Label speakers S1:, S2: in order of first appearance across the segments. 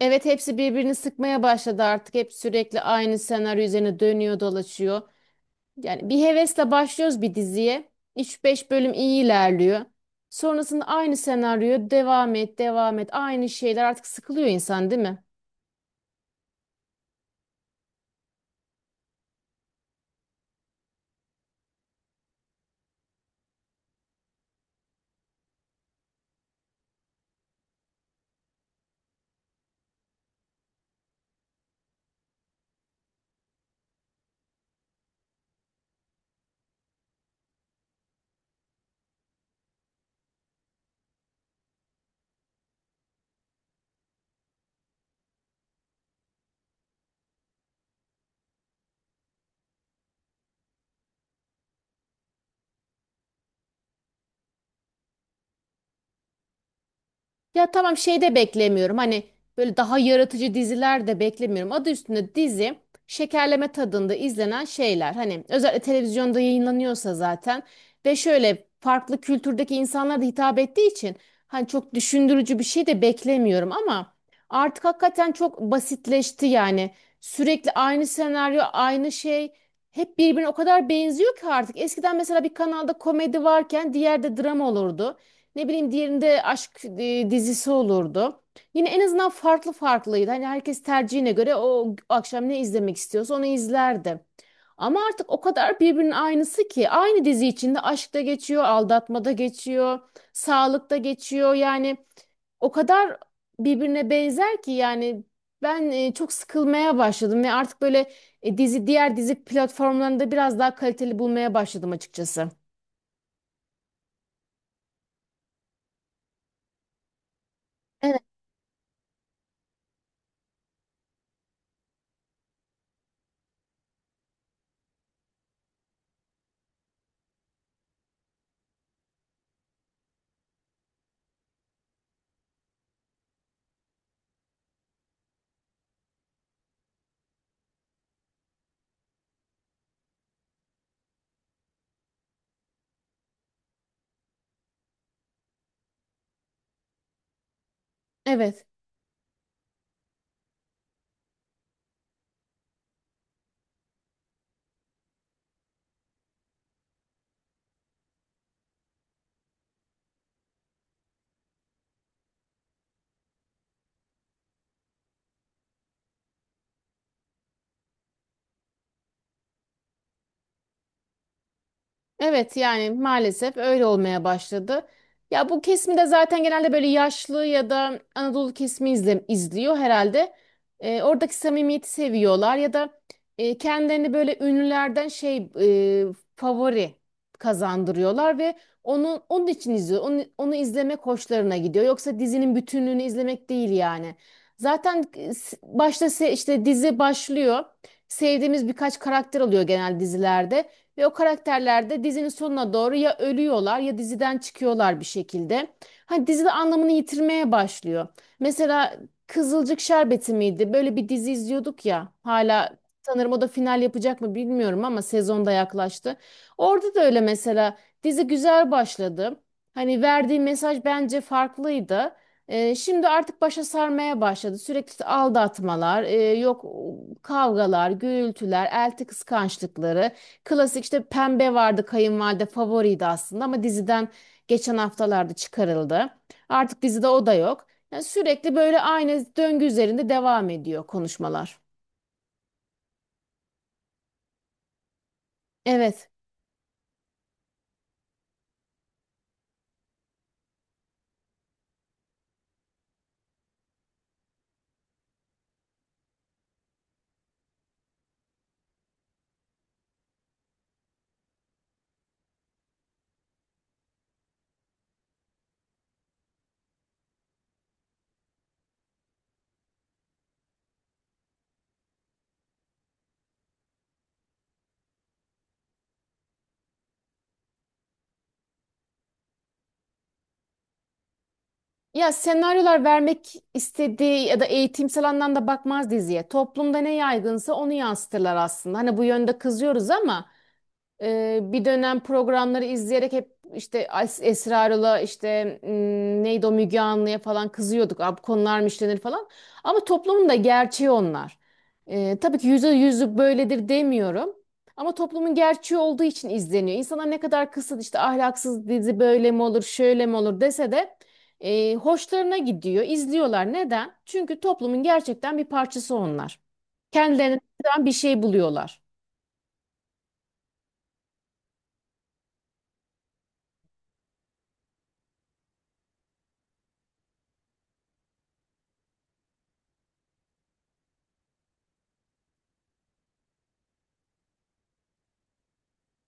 S1: Evet hepsi birbirini sıkmaya başladı artık. Hep sürekli aynı senaryo üzerine dönüyor dolaşıyor. Yani bir hevesle başlıyoruz bir diziye. Üç-beş bölüm iyi ilerliyor. Sonrasında aynı senaryo devam et devam et aynı şeyler artık sıkılıyor insan değil mi? Ya tamam şey de beklemiyorum. Hani böyle daha yaratıcı diziler de beklemiyorum. Adı üstünde dizi şekerleme tadında izlenen şeyler. Hani özellikle televizyonda yayınlanıyorsa zaten ve şöyle farklı kültürdeki insanlara da hitap ettiği için hani çok düşündürücü bir şey de beklemiyorum ama artık hakikaten çok basitleşti yani. Sürekli aynı senaryo, aynı şey hep birbirine o kadar benziyor ki artık. Eskiden mesela bir kanalda komedi varken diğerde drama olurdu. Ne bileyim diğerinde aşk dizisi olurdu. Yine en azından farklı farklıydı. Hani herkes tercihine göre o akşam ne izlemek istiyorsa onu izlerdi. Ama artık o kadar birbirinin aynısı ki aynı dizi içinde aşkta geçiyor, aldatmada geçiyor, sağlıkta geçiyor. Yani o kadar birbirine benzer ki yani ben çok sıkılmaya başladım ve artık böyle diğer dizi platformlarında biraz daha kaliteli bulmaya başladım açıkçası. Evet. Evet. Evet yani maalesef öyle olmaya başladı. Ya bu kesimi de zaten genelde böyle yaşlı ya da Anadolu kesimi izliyor herhalde. Oradaki samimiyeti seviyorlar ya da kendilerini böyle ünlülerden şey favori kazandırıyorlar ve onu onun için izliyor. Onu izlemek hoşlarına gidiyor. Yoksa dizinin bütünlüğünü izlemek değil yani. Zaten başta işte dizi başlıyor. Sevdiğimiz birkaç karakter oluyor genel dizilerde. Ve o karakterler de dizinin sonuna doğru ya ölüyorlar ya diziden çıkıyorlar bir şekilde. Hani dizi de anlamını yitirmeye başlıyor. Mesela Kızılcık Şerbeti miydi? Böyle bir dizi izliyorduk ya. Hala sanırım o da final yapacak mı bilmiyorum ama sezonda yaklaştı. Orada da öyle mesela dizi güzel başladı. Hani verdiği mesaj bence farklıydı. Şimdi artık başa sarmaya başladı. Sürekli aldatmalar, yok kavgalar, gürültüler, elti kıskançlıkları. Klasik işte Pembe vardı, kayınvalide favoriydi aslında ama diziden geçen haftalarda çıkarıldı. Artık dizide o da yok. Yani sürekli böyle aynı döngü üzerinde devam ediyor konuşmalar. Evet. Ya senaryolar vermek istediği ya da eğitimsel anlamda bakmaz diziye. Toplumda ne yaygınsa onu yansıtırlar aslında. Hani bu yönde kızıyoruz ama bir dönem programları izleyerek hep işte Esra işte neydi o, Müge Anlı'ya falan kızıyorduk. Abi konular mı işlenir falan. Ama toplumun da gerçeği onlar. Tabii ki %100'ü böyledir demiyorum. Ama toplumun gerçeği olduğu için izleniyor. İnsanlar ne kadar kısıt işte ahlaksız dizi böyle mi olur şöyle mi olur dese de hoşlarına gidiyor. İzliyorlar. Neden? Çünkü toplumun gerçekten bir parçası onlar. Kendilerini buradan bir şey buluyorlar.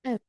S1: Evet.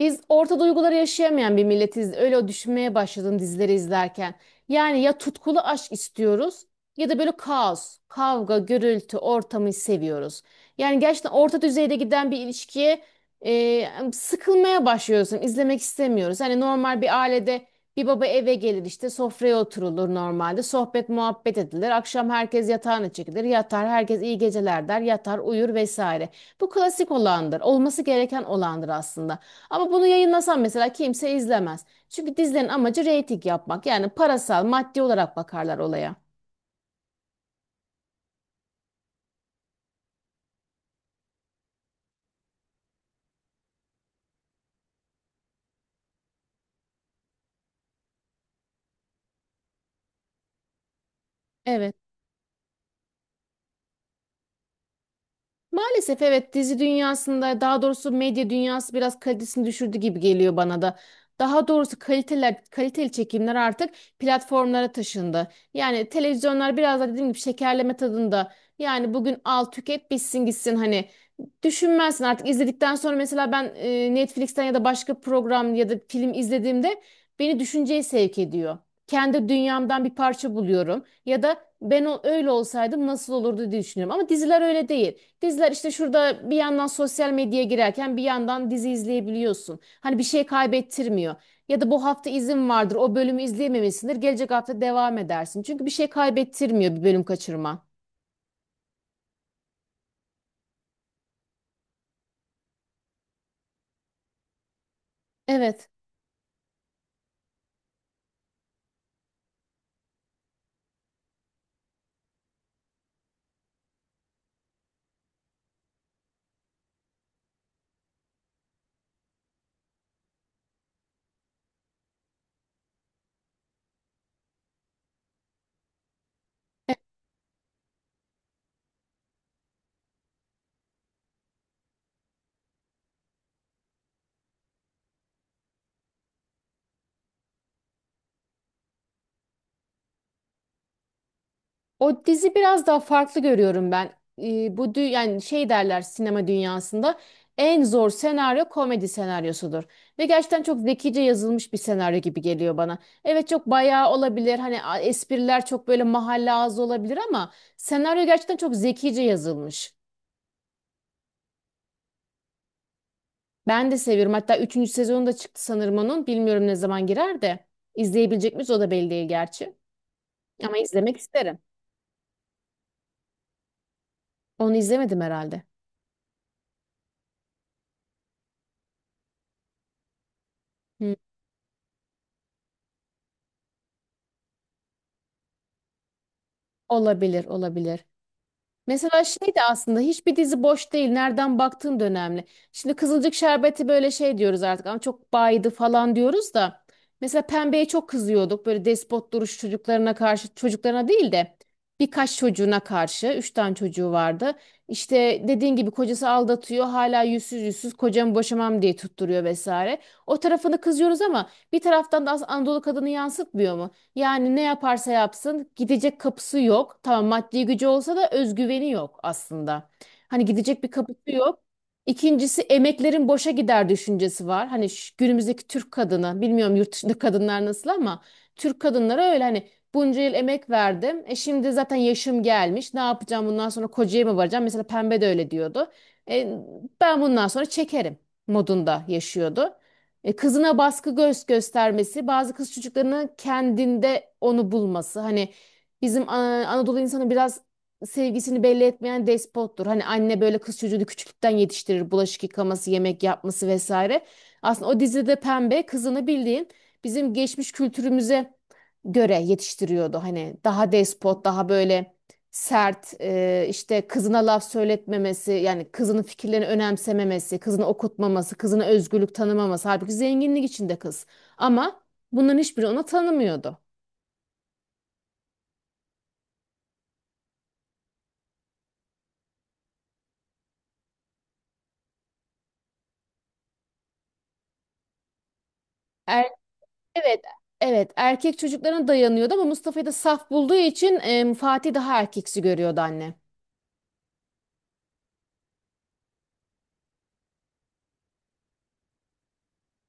S1: Biz orta duyguları yaşayamayan bir milletiz. Öyle o düşünmeye başladım dizileri izlerken. Yani ya tutkulu aşk istiyoruz ya da böyle kaos, kavga, gürültü ortamı seviyoruz. Yani gerçekten orta düzeyde giden bir ilişkiye sıkılmaya başlıyorsun. İzlemek istemiyoruz. Hani normal bir ailede bir baba eve gelir, işte sofraya oturulur normalde. Sohbet muhabbet edilir. Akşam herkes yatağına çekilir. Yatar, herkes iyi geceler der. Yatar uyur vesaire. Bu klasik olandır. Olması gereken olandır aslında. Ama bunu yayınlasan mesela kimse izlemez. Çünkü dizilerin amacı reyting yapmak. Yani parasal, maddi olarak bakarlar olaya. Evet. Maalesef evet, dizi dünyasında, daha doğrusu medya dünyası biraz kalitesini düşürdü gibi geliyor bana da. Daha doğrusu kaliteler, kaliteli çekimler artık platformlara taşındı. Yani televizyonlar biraz da dediğim gibi şekerleme tadında. Yani bugün al, tüket, bitsin gitsin, hani düşünmezsin artık izledikten sonra. Mesela ben Netflix'ten ya da başka program ya da film izlediğimde beni düşünceye sevk ediyor. Kendi dünyamdan bir parça buluyorum ya da ben öyle olsaydım nasıl olurdu diye düşünüyorum ama diziler öyle değil. Diziler işte şurada bir yandan sosyal medyaya girerken bir yandan dizi izleyebiliyorsun. Hani bir şey kaybettirmiyor. Ya da bu hafta izin vardır, o bölümü izleyememişsindir. Gelecek hafta devam edersin. Çünkü bir şey kaybettirmiyor bir bölüm kaçırma. Evet. O dizi biraz daha farklı görüyorum ben. Bu yani şey derler sinema dünyasında, en zor senaryo komedi senaryosudur. Ve gerçekten çok zekice yazılmış bir senaryo gibi geliyor bana. Evet, çok bayağı olabilir. Hani espriler çok böyle mahalle ağzı olabilir ama senaryo gerçekten çok zekice yazılmış. Ben de seviyorum. Hatta üçüncü sezonu da çıktı sanırım onun. Bilmiyorum ne zaman girer de. İzleyebilecek miyiz, o da belli değil gerçi. Ama izlemek isterim. Onu izlemedim herhalde. Hı, olabilir, olabilir. Mesela şey de, aslında hiçbir dizi boş değil. Nereden baktığın da önemli. Şimdi Kızılcık Şerbeti böyle şey diyoruz artık, ama çok baydı falan diyoruz da. Mesela Pembe'ye çok kızıyorduk. Böyle despot duruş çocuklarına karşı, çocuklarına değil de birkaç çocuğuna karşı. Üç tane çocuğu vardı. İşte dediğin gibi kocası aldatıyor. Hala yüzsüz yüzsüz kocamı boşamam diye tutturuyor vesaire. O tarafını kızıyoruz ama bir taraftan da aslında Anadolu kadını yansıtmıyor mu? Yani ne yaparsa yapsın gidecek kapısı yok. Tamam maddi gücü olsa da özgüveni yok aslında. Hani gidecek bir kapısı yok. İkincisi, emeklerin boşa gider düşüncesi var. Hani şu günümüzdeki Türk kadını, bilmiyorum yurt dışında kadınlar nasıl, ama Türk kadınları öyle, hani bunca yıl emek verdim. E şimdi zaten yaşım gelmiş, ne yapacağım bundan sonra, kocaya mı varacağım? Mesela Pembe de öyle diyordu. E, ben bundan sonra çekerim modunda yaşıyordu. E, kızına baskı göz göstermesi, bazı kız çocuklarının kendinde onu bulması. Hani bizim Anadolu insanı biraz sevgisini belli etmeyen despottur. Hani anne böyle kız çocuğunu küçüklükten yetiştirir, bulaşık yıkaması, yemek yapması vesaire. Aslında o dizide Pembe kızını bildiğin bizim geçmiş kültürümüze göre yetiştiriyordu. Hani daha despot, daha böyle sert, işte kızına laf söyletmemesi, yani kızının fikirlerini önemsememesi, kızını okutmaması, kızına özgürlük tanımaması. Halbuki zenginlik içinde kız. Ama bunların hiçbiri ona tanımıyordu. Er, evet, evet, erkek çocuklarına dayanıyordu ama Mustafa'yı da saf bulduğu için Fatih daha erkeksi görüyordu anne.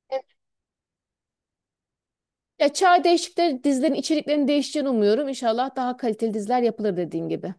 S1: Evet. Ya çağ değişikleri dizilerin içeriklerinin değişeceğini umuyorum. İnşallah daha kaliteli diziler yapılır dediğin gibi.